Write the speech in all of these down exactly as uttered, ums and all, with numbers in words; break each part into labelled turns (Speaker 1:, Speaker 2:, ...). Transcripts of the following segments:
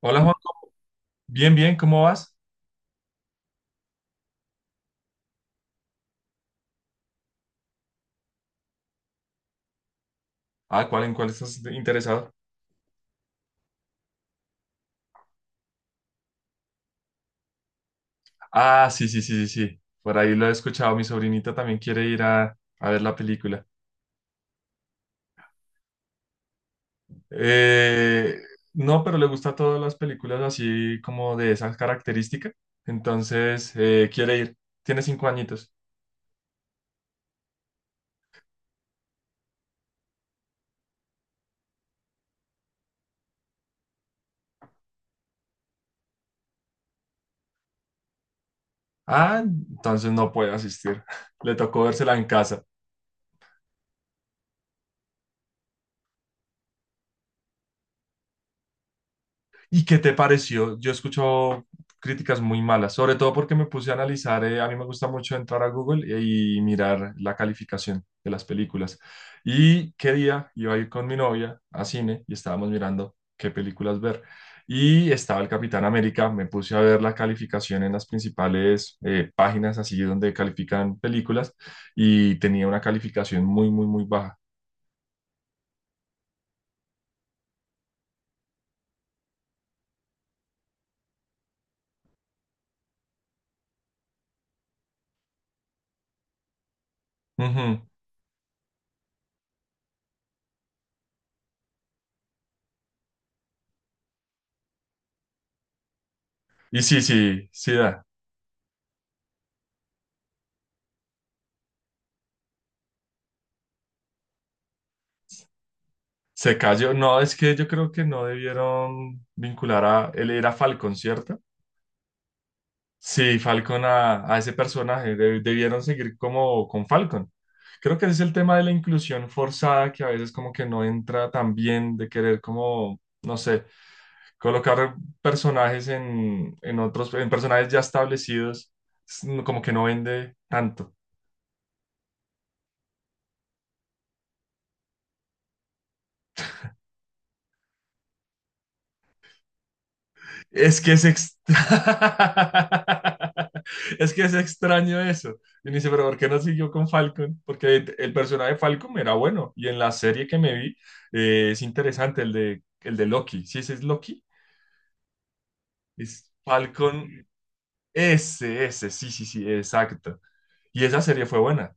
Speaker 1: Hola Juan, bien, bien, ¿cómo vas? Ah, ¿cuál en cuál estás interesado? Ah, sí, sí, sí, sí, sí. Por ahí lo he escuchado. Mi sobrinita también quiere ir a, a ver la película. Eh, no, pero le gusta todas las películas así como de esas características. Entonces, eh, quiere ir. Tiene cinco añitos. Ah, entonces no puede asistir. Le tocó vérsela en casa. ¿Y qué te pareció? Yo escucho críticas muy malas, sobre todo porque me puse a analizar. Eh, a mí me gusta mucho entrar a Google y mirar la calificación de las películas. Y qué día iba a ir con mi novia a cine y estábamos mirando qué películas ver. Y estaba el Capitán América, me puse a ver la calificación en las principales eh, páginas así donde califican películas, y tenía una calificación muy, muy, muy baja. Ujú. Y sí, sí, sí da. Se cayó. No, es que yo creo que no debieron vincular a... Él era Falcon, ¿cierto? Sí, Falcon a, a ese personaje. De- debieron seguir como con Falcon. Creo que ese es el tema de la inclusión forzada que a veces como que no entra tan bien de querer como, no sé, colocar personajes en, en otros, en personajes ya establecidos, es como que no vende tanto. Es que es extra... es que es extraño eso. Y uno dice, pero ¿por qué no siguió con Falcon? Porque el personaje de Falcon era bueno. Y en la serie que me vi, eh, es interesante, el de, el de Loki. Sí, ese es Loki, es Falcon, ese, ese, sí, sí, sí, exacto. Y esa serie fue buena.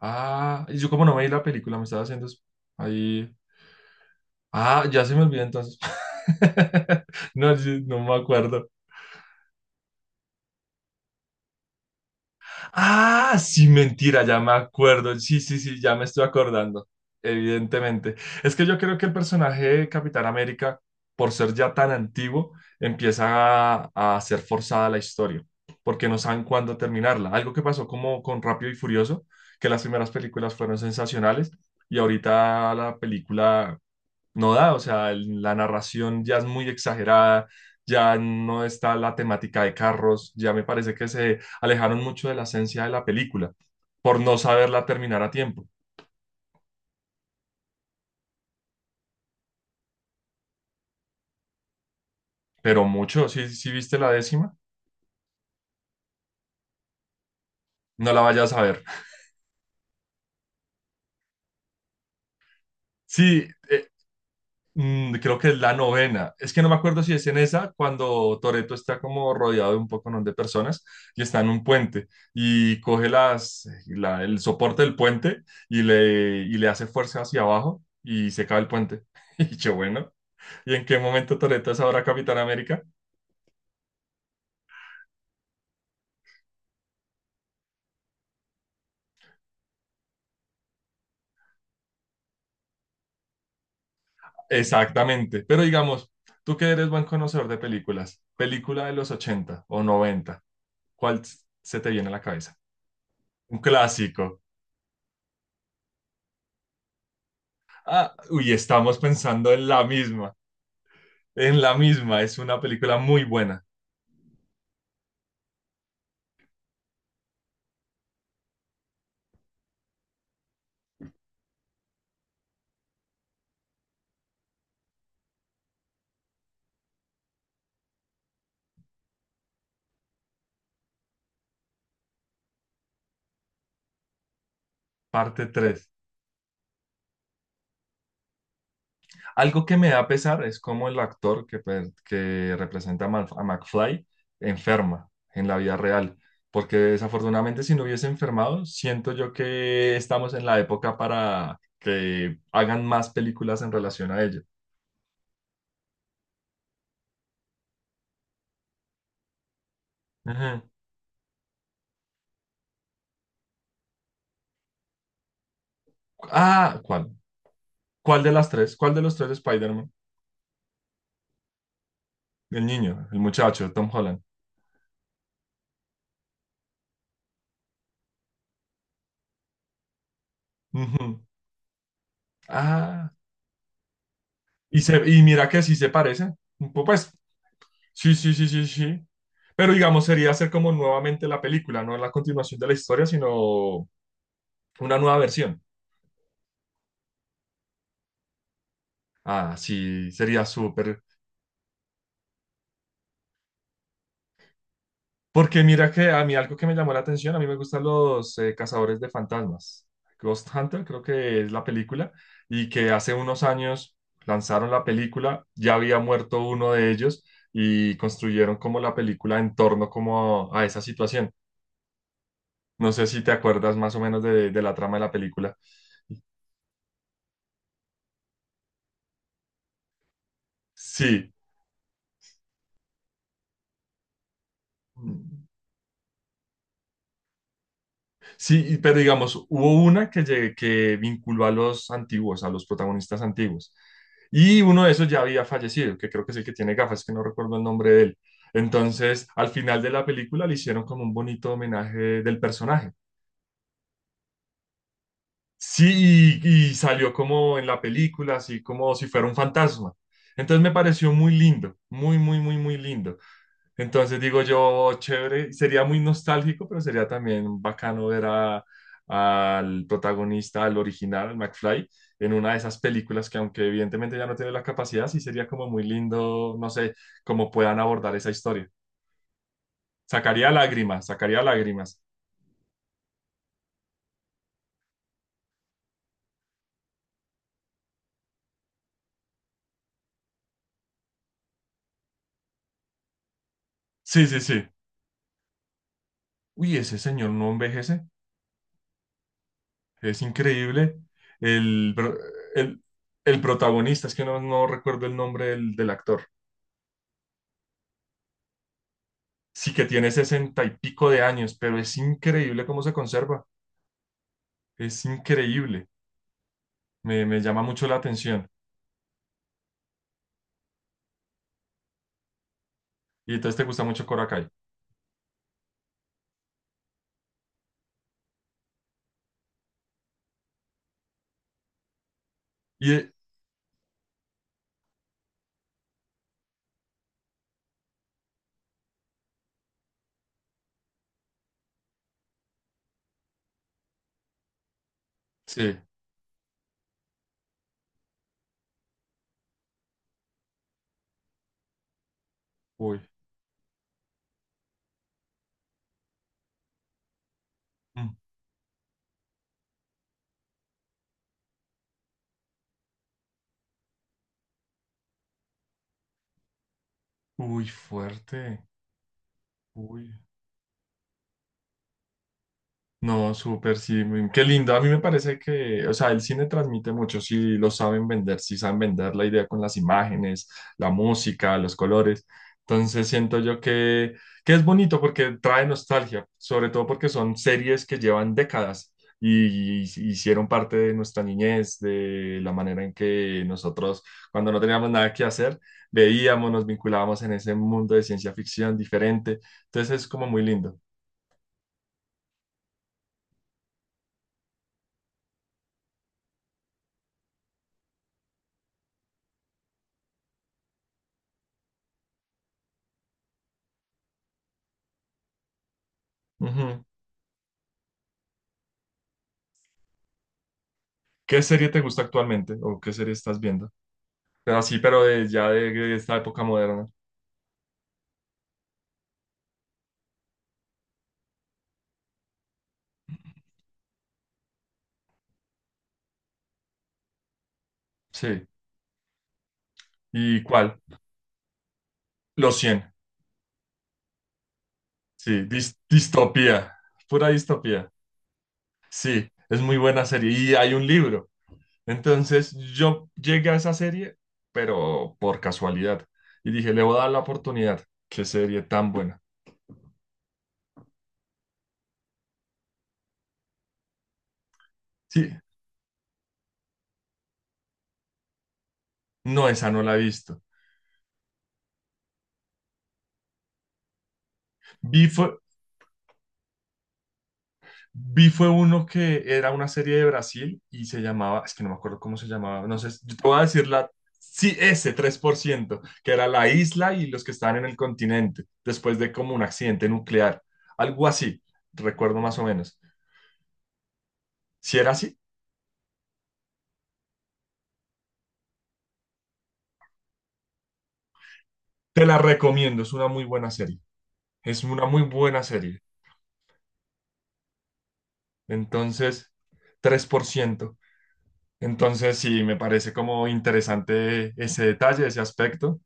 Speaker 1: Ah, y yo como no me vi la película, me estaba haciendo es- ahí. Ah, ya se me olvidó entonces. No, yo no me acuerdo. Ah, sí, mentira, ya me acuerdo. Sí, sí, sí, ya me estoy acordando. Evidentemente. Es que yo creo que el personaje de Capitán América, por ser ya tan antiguo, empieza a, a ser forzada la historia, porque no saben cuándo terminarla. Algo que pasó como con Rápido y Furioso, que las primeras películas fueron sensacionales y ahorita la película no da. O sea, el- la narración ya es muy exagerada, ya no está la temática de carros, ya me parece que se alejaron mucho de la esencia de la película por no saberla terminar a tiempo, pero mucho. Si, si viste la décima, no la vayas a ver. Sí, e- Mm, creo que es la novena. Es que no me acuerdo si es en esa, cuando Toreto está como rodeado de un poco, ¿no?, de personas, y está en un puente y coge las, la- el soporte del puente, y le, y le hace fuerza hacia abajo y se cae el puente. Y yo, bueno, ¿y en qué momento Toreto es ahora Capitán América? Exactamente. Pero digamos, tú que eres buen conocedor de películas, película de los ochenta o noventa, ¿cuál se te viene a la cabeza? Un clásico. Ah, uy, estamos pensando en la misma, en la misma, es una película muy buena, parte tres. Algo que me da pesar es cómo el actor que, pe- que representa a Mal- a McFly enferma en la vida real, porque desafortunadamente si no hubiese enfermado, siento yo que estamos en la época para que hagan más películas en relación a ello. Ujú. Ah, ¿cuál? ¿Cuál de las tres? ¿Cuál de los tres de Spider-Man? El niño, el muchacho, Tom Holland. Ujú. Ah. Y, se, y mira que sí se parece. un po- Pues sí, sí, sí, sí, sí. Pero digamos, sería hacer como nuevamente la película, no la continuación de la historia, sino una nueva versión. Ah, sí, sería súper. Porque mira que a mí algo que me llamó la atención, a mí me gustan los eh, cazadores de fantasmas. Ghost Hunter creo que es la película, y que hace unos años lanzaron la película, ya había muerto uno de ellos y construyeron como la película en torno como a esa situación. No sé si te acuerdas más o menos de, de la trama de la película. Sí, sí, y- pero digamos, hubo una que, lle- que vinculó a los antiguos, a los protagonistas antiguos. Y uno de esos ya había fallecido, que creo que es el que tiene gafas, que no recuerdo el nombre de él. Entonces, al final de la película le hicieron como un bonito homenaje del personaje. Sí, y, y salió como en la película, así como si fuera un fantasma. Entonces me pareció muy lindo, muy, muy, muy, muy lindo. Entonces digo yo, chévere, sería muy nostálgico, pero sería también bacano ver a- al protagonista, al original, al McFly, en una de esas películas, que aunque evidentemente ya no tiene la capacidad, sí sería como muy lindo, no sé, cómo puedan abordar esa historia. Sacaría lágrimas, sacaría lágrimas. Sí, sí, sí. Uy, ese señor no envejece, es increíble. El, pro- el, el protagonista, es que no, no recuerdo el nombre del del actor. Sí, que tiene sesenta y pico de años, pero es increíble cómo se conserva. Es increíble. Me, me llama mucho la atención. Y entonces te gusta mucho Korakai. Y de- sí, uy, mm, uy, fuerte. Uy. No, súper, sí. mm, Qué lindo. A mí me parece que, o sea, el cine transmite mucho si lo saben vender, si saben vender la idea con las imágenes, la música, los colores. Entonces siento yo que, que es bonito porque trae nostalgia, sobre todo porque son series que llevan décadas y, y hicieron parte de nuestra niñez, de la manera en que nosotros, cuando no teníamos nada que hacer, veíamos, nos vinculábamos en ese mundo de ciencia ficción diferente. Entonces es como muy lindo. ¿Qué serie te gusta actualmente o qué serie estás viendo? Pero sí, pero de, ya de, de esta época moderna. Sí. ¿Y cuál? Los cien. Sí. Dis- distopía. Pura distopía. Sí. Es muy buena serie. Y hay un libro. Entonces yo llegué a esa serie, pero por casualidad. Y dije, le voy a dar la oportunidad. Qué serie tan buena. Sí. No, esa no la he visto. Vi fue Vi fue uno que era una serie de Brasil y se llamaba, es que no me acuerdo cómo se llamaba, no sé, yo te voy a decir la, sí, ese tres por ciento, que era la isla y los que estaban en el continente, después de como un accidente nuclear, algo así, recuerdo más o menos. Si era así, te la recomiendo, es una muy buena serie, es una muy buena serie. Entonces, tres por ciento. Entonces, sí, me parece como interesante ese detalle, ese aspecto,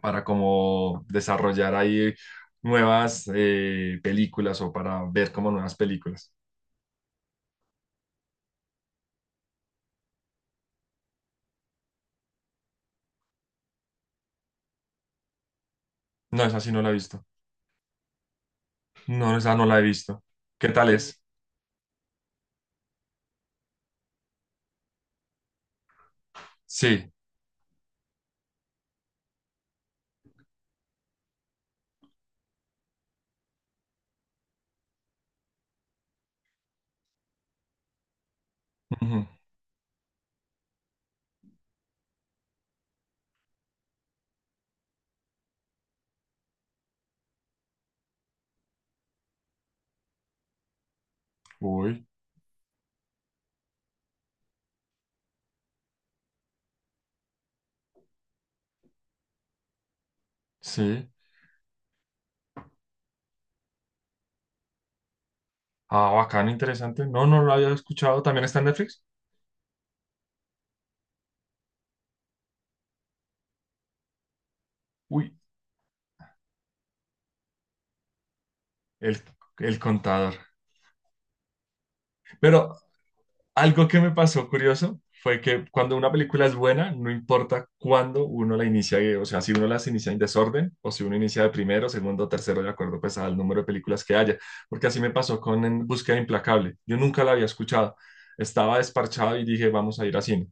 Speaker 1: para como desarrollar ahí nuevas eh, películas o para ver como nuevas películas. No, esa sí no la he visto. No, esa no la he visto. ¿Qué tal es? Sí. Ujú. Uy, sí. Ah, bacano, interesante. No, no lo había escuchado. ¿También está en Netflix? Uy, el, el contador. Pero Algo que me pasó curioso fue que cuando una película es buena, no importa cuándo uno la inicia. Eh, o sea, si uno las inicia en desorden o si uno inicia de primero, segundo, tercero, de acuerdo pues al número de películas que haya, porque así me pasó con En Búsqueda Implacable. Yo nunca la había escuchado. Estaba desparchado y dije, vamos a ir a cine.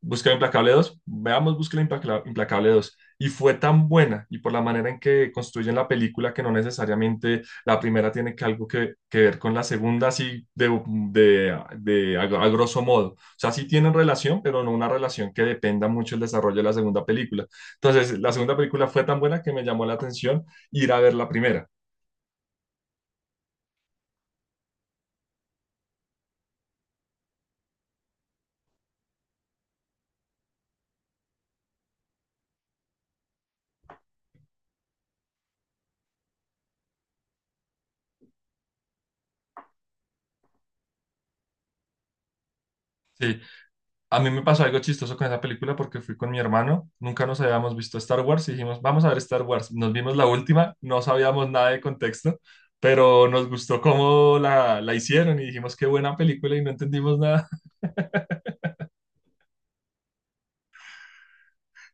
Speaker 1: Busca Implacable dos, veamos Busca Implacla- Implacable dos. Y fue tan buena, y por la manera en que construyen la película, que no necesariamente la primera tiene que algo que, que ver con la segunda, así de, de, de a, a grosso modo. O sea, sí tienen relación, pero no una relación que dependa mucho el desarrollo de la segunda película. Entonces, la segunda película fue tan buena que me llamó la atención ir a ver la primera. Sí, a mí me pasó algo chistoso con esa película porque fui con mi hermano, nunca nos habíamos visto Star Wars y dijimos, vamos a ver Star Wars. Nos vimos la última, no sabíamos nada de contexto, pero nos gustó cómo la, la hicieron y dijimos, qué buena película, y no entendimos nada.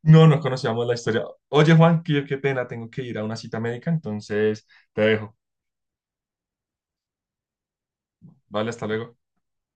Speaker 1: No, no conocíamos la historia. Oye, Juan, qué, qué pena, tengo que ir a una cita médica, entonces te dejo. Vale, hasta luego.